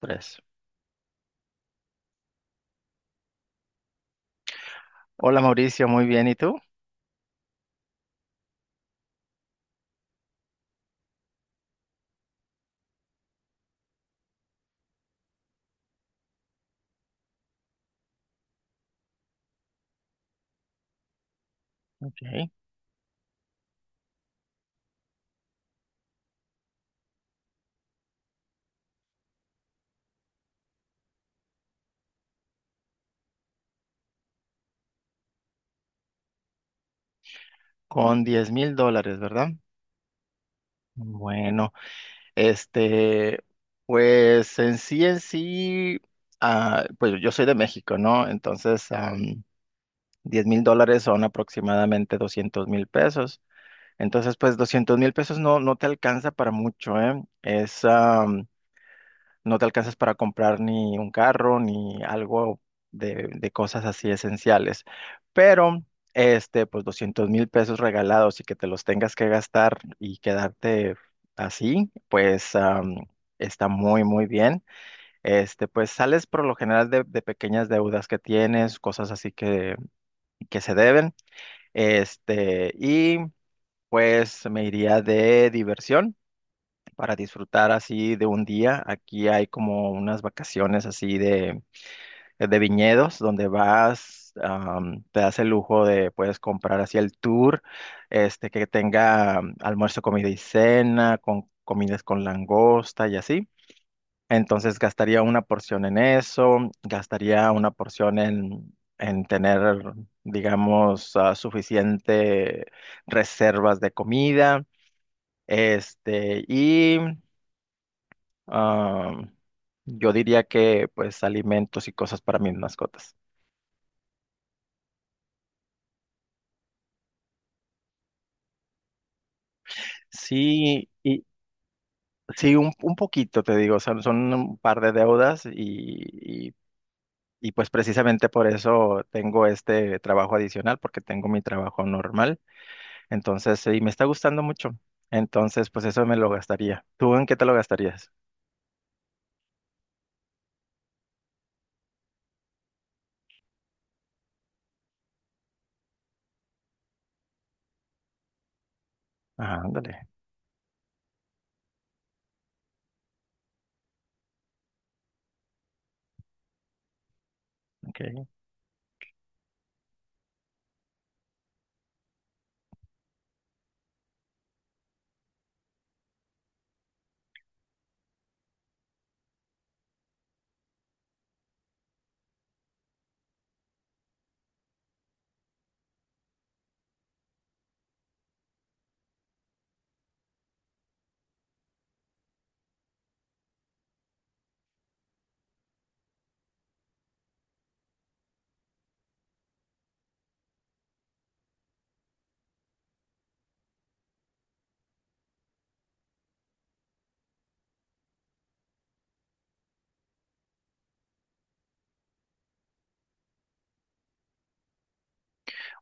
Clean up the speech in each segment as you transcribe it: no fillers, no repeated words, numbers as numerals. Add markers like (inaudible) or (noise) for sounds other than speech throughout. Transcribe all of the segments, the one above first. Tres. Hola Mauricio, muy bien. ¿Y tú? Ok. Con $10,000, ¿verdad? Bueno, este, pues pues yo soy de México, ¿no? 10 mil dólares son aproximadamente 200,000 pesos. Entonces, pues 200,000 pesos no te alcanza para mucho, ¿eh? Es, no te alcanzas para comprar ni un carro ni algo de cosas así esenciales. Pero, pues 200 mil pesos regalados y que te los tengas que gastar y quedarte así, está muy bien. Este, pues sales por lo general de pequeñas deudas que tienes, cosas así que se deben. Este, y pues me iría de diversión para disfrutar así de un día. Aquí hay como unas vacaciones así de viñedos donde vas, te das el lujo de, puedes comprar así el tour, este, que tenga almuerzo, comida y cena, con comidas con langosta y así. Entonces gastaría una porción en eso, gastaría una porción en tener, digamos, suficiente reservas de comida. Este, y Ah, yo diría que pues alimentos y cosas para mis mascotas. Sí, y sí, un poquito te digo, son, son un par de deudas y pues precisamente por eso tengo este trabajo adicional, porque tengo mi trabajo normal. Entonces, y me está gustando mucho. Entonces, pues eso me lo gastaría. ¿Tú en qué te lo gastarías? Ah, ándale. Ok.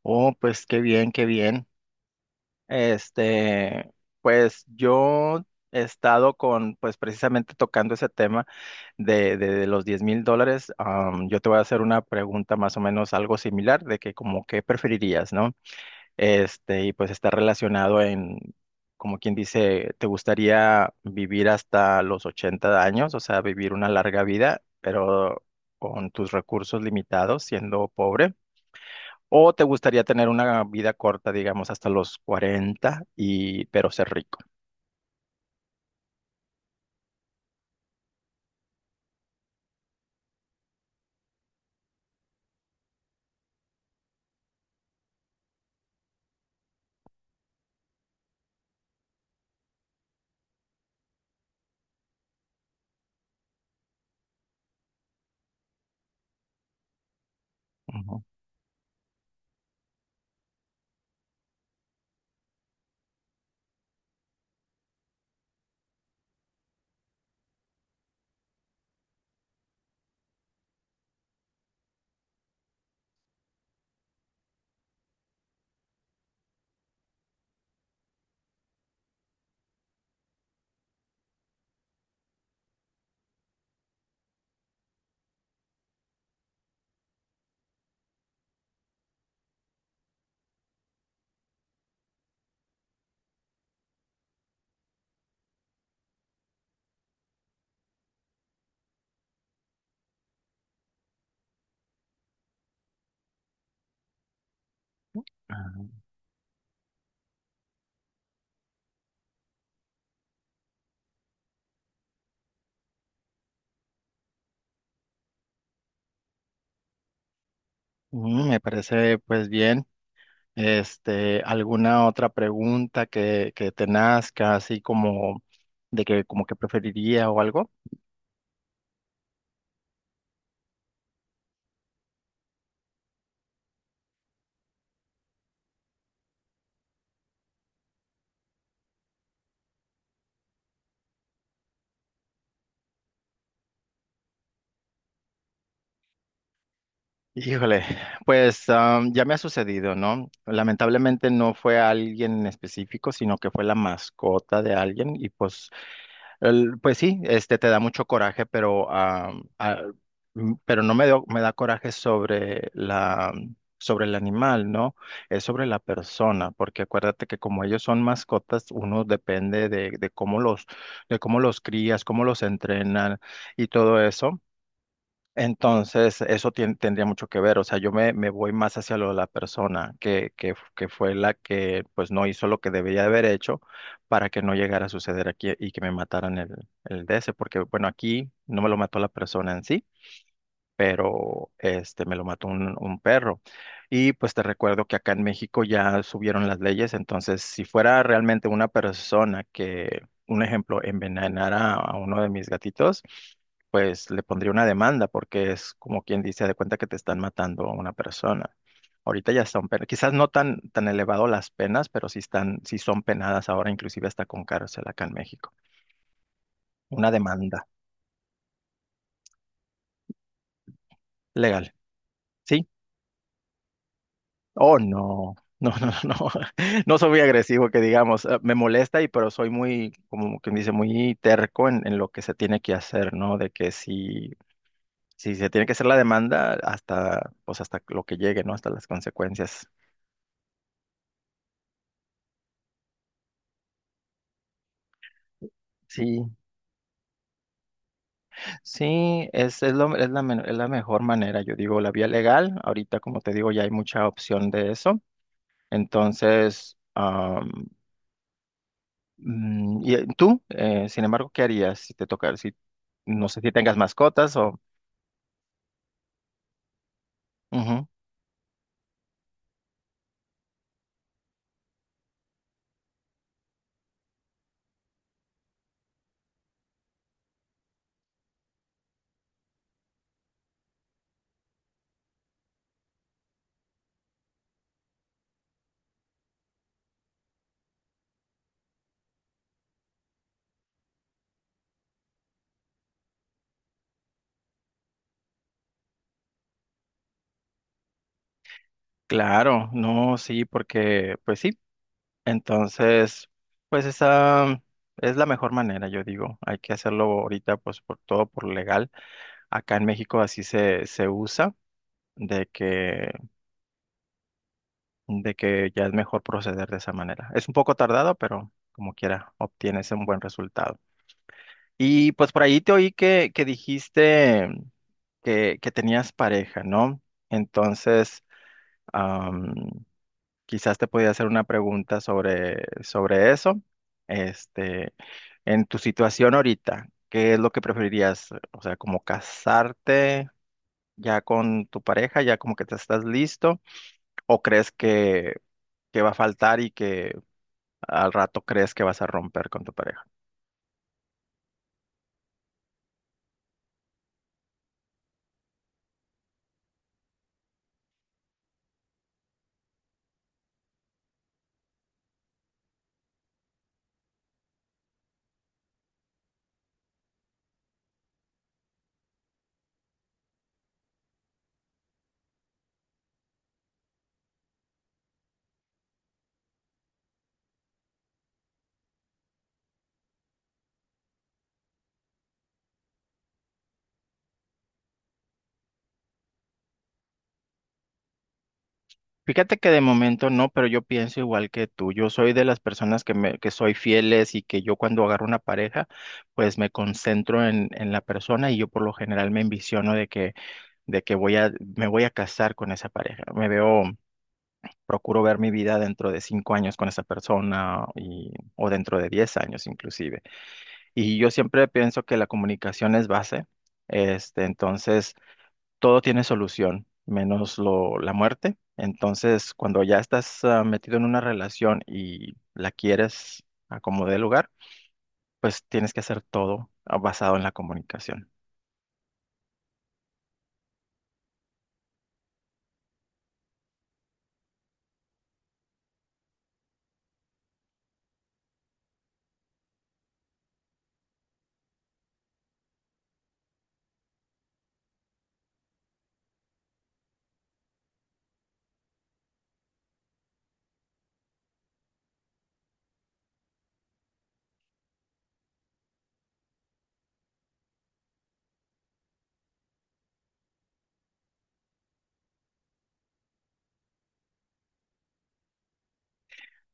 Oh, pues qué bien, qué bien. Este, pues yo he estado con, pues precisamente tocando ese tema de, de los $10,000. Yo te voy a hacer una pregunta más o menos algo similar de que como qué preferirías, ¿no? Este, y pues está relacionado en, como quien dice, ¿te gustaría vivir hasta los 80 años? O sea, vivir una larga vida, pero con tus recursos limitados, siendo pobre. ¿O te gustaría tener una vida corta, digamos, hasta los 40 y pero ser rico? Ujú. Ah, Me parece pues bien. Este, ¿alguna otra pregunta que te nazca, así como de que como que preferiría o algo? Híjole, ya me ha sucedido, ¿no? Lamentablemente no fue alguien en específico, sino que fue la mascota de alguien y pues, pues sí, este te da mucho coraje, pero no me dio- me da coraje sobre la sobre el animal, ¿no? Es sobre la persona, porque acuérdate que como ellos son mascotas, uno depende de cómo los crías, cómo los entrenan y todo eso. Entonces, tendría mucho que ver, o sea, me voy más hacia lo de la persona que fue la que pues no hizo lo que debería de haber hecho para que no llegara a suceder aquí y que me mataran el DS, porque bueno, aquí no me lo mató la persona en sí, pero este me lo mató un perro. Y pues te recuerdo que acá en México ya subieron las leyes, entonces si fuera realmente una persona que, un ejemplo, envenenara a uno de mis gatitos, pues le pondría una demanda porque es como quien dice, de cuenta que te están matando a una persona. Ahorita ya son penas, quizás no tan, tan elevado las penas, pero sí están, sí son penadas ahora, inclusive hasta con cárcel acá en México. Una demanda legal. Sí, oh, no, no, no, no, no (laughs) no soy muy agresivo, que digamos. Me molesta y pero soy muy, como quien dice, muy terco en lo que se tiene que hacer, ¿no? De que si, si se tiene que hacer la demanda, hasta, pues hasta lo que llegue, ¿no? Hasta las consecuencias. Sí, sí, es, es la, es la mejor manera, yo digo, la vía legal, ahorita como te digo, ya hay mucha opción de eso, entonces, ¿y tú, sin embargo, qué harías si te tocara, si, no sé si tengas mascotas o... Ujú. Claro, no, sí, porque, pues sí, entonces, pues esa es la mejor manera, yo digo, hay que hacerlo ahorita, pues por todo, por legal. Acá en México así se, se usa, de que, de que ya es mejor proceder de esa manera. Es un poco tardado, pero como quiera, obtienes un buen resultado. Y pues por ahí te oí que dijiste que tenías pareja, ¿no? Entonces, quizás te podía hacer una pregunta sobre, sobre eso. Este, en tu situación ahorita, ¿qué es lo que preferirías? O sea, como casarte ya con tu pareja, ya como que te estás listo, o crees que va a faltar y que al rato crees que vas a romper con tu pareja. Fíjate que de momento no, pero yo pienso igual que tú. Yo soy de las personas que me, que soy fieles y que yo cuando agarro una pareja, pues me concentro en la persona y yo por lo general me envisiono de que voy a, me voy a casar con esa pareja. Me veo, procuro ver mi vida dentro de 5 años con esa persona y, o dentro de 10 años inclusive. Y yo siempre pienso que la comunicación es base. Este, entonces, todo tiene solución, menos lo, la muerte. Entonces, cuando ya estás metido en una relación y la quieres a como dé lugar, pues tienes que hacer todo basado en la comunicación.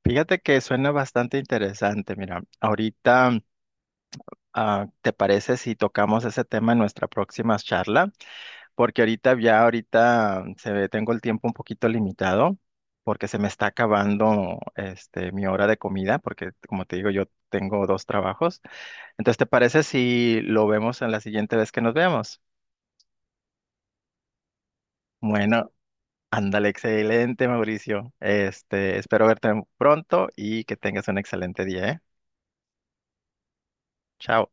Fíjate que suena bastante interesante. Mira, ahorita ¿te parece si tocamos ese tema en nuestra próxima charla? Porque ahorita ya ahorita se ve, tengo el tiempo un poquito limitado porque se me está acabando este mi hora de comida porque como te digo yo tengo 2 trabajos. Entonces, ¿te parece si lo vemos en la siguiente vez que nos veamos? Bueno, ándale, excelente, Mauricio. Este, espero verte pronto y que tengas un excelente día, ¿eh? Chao.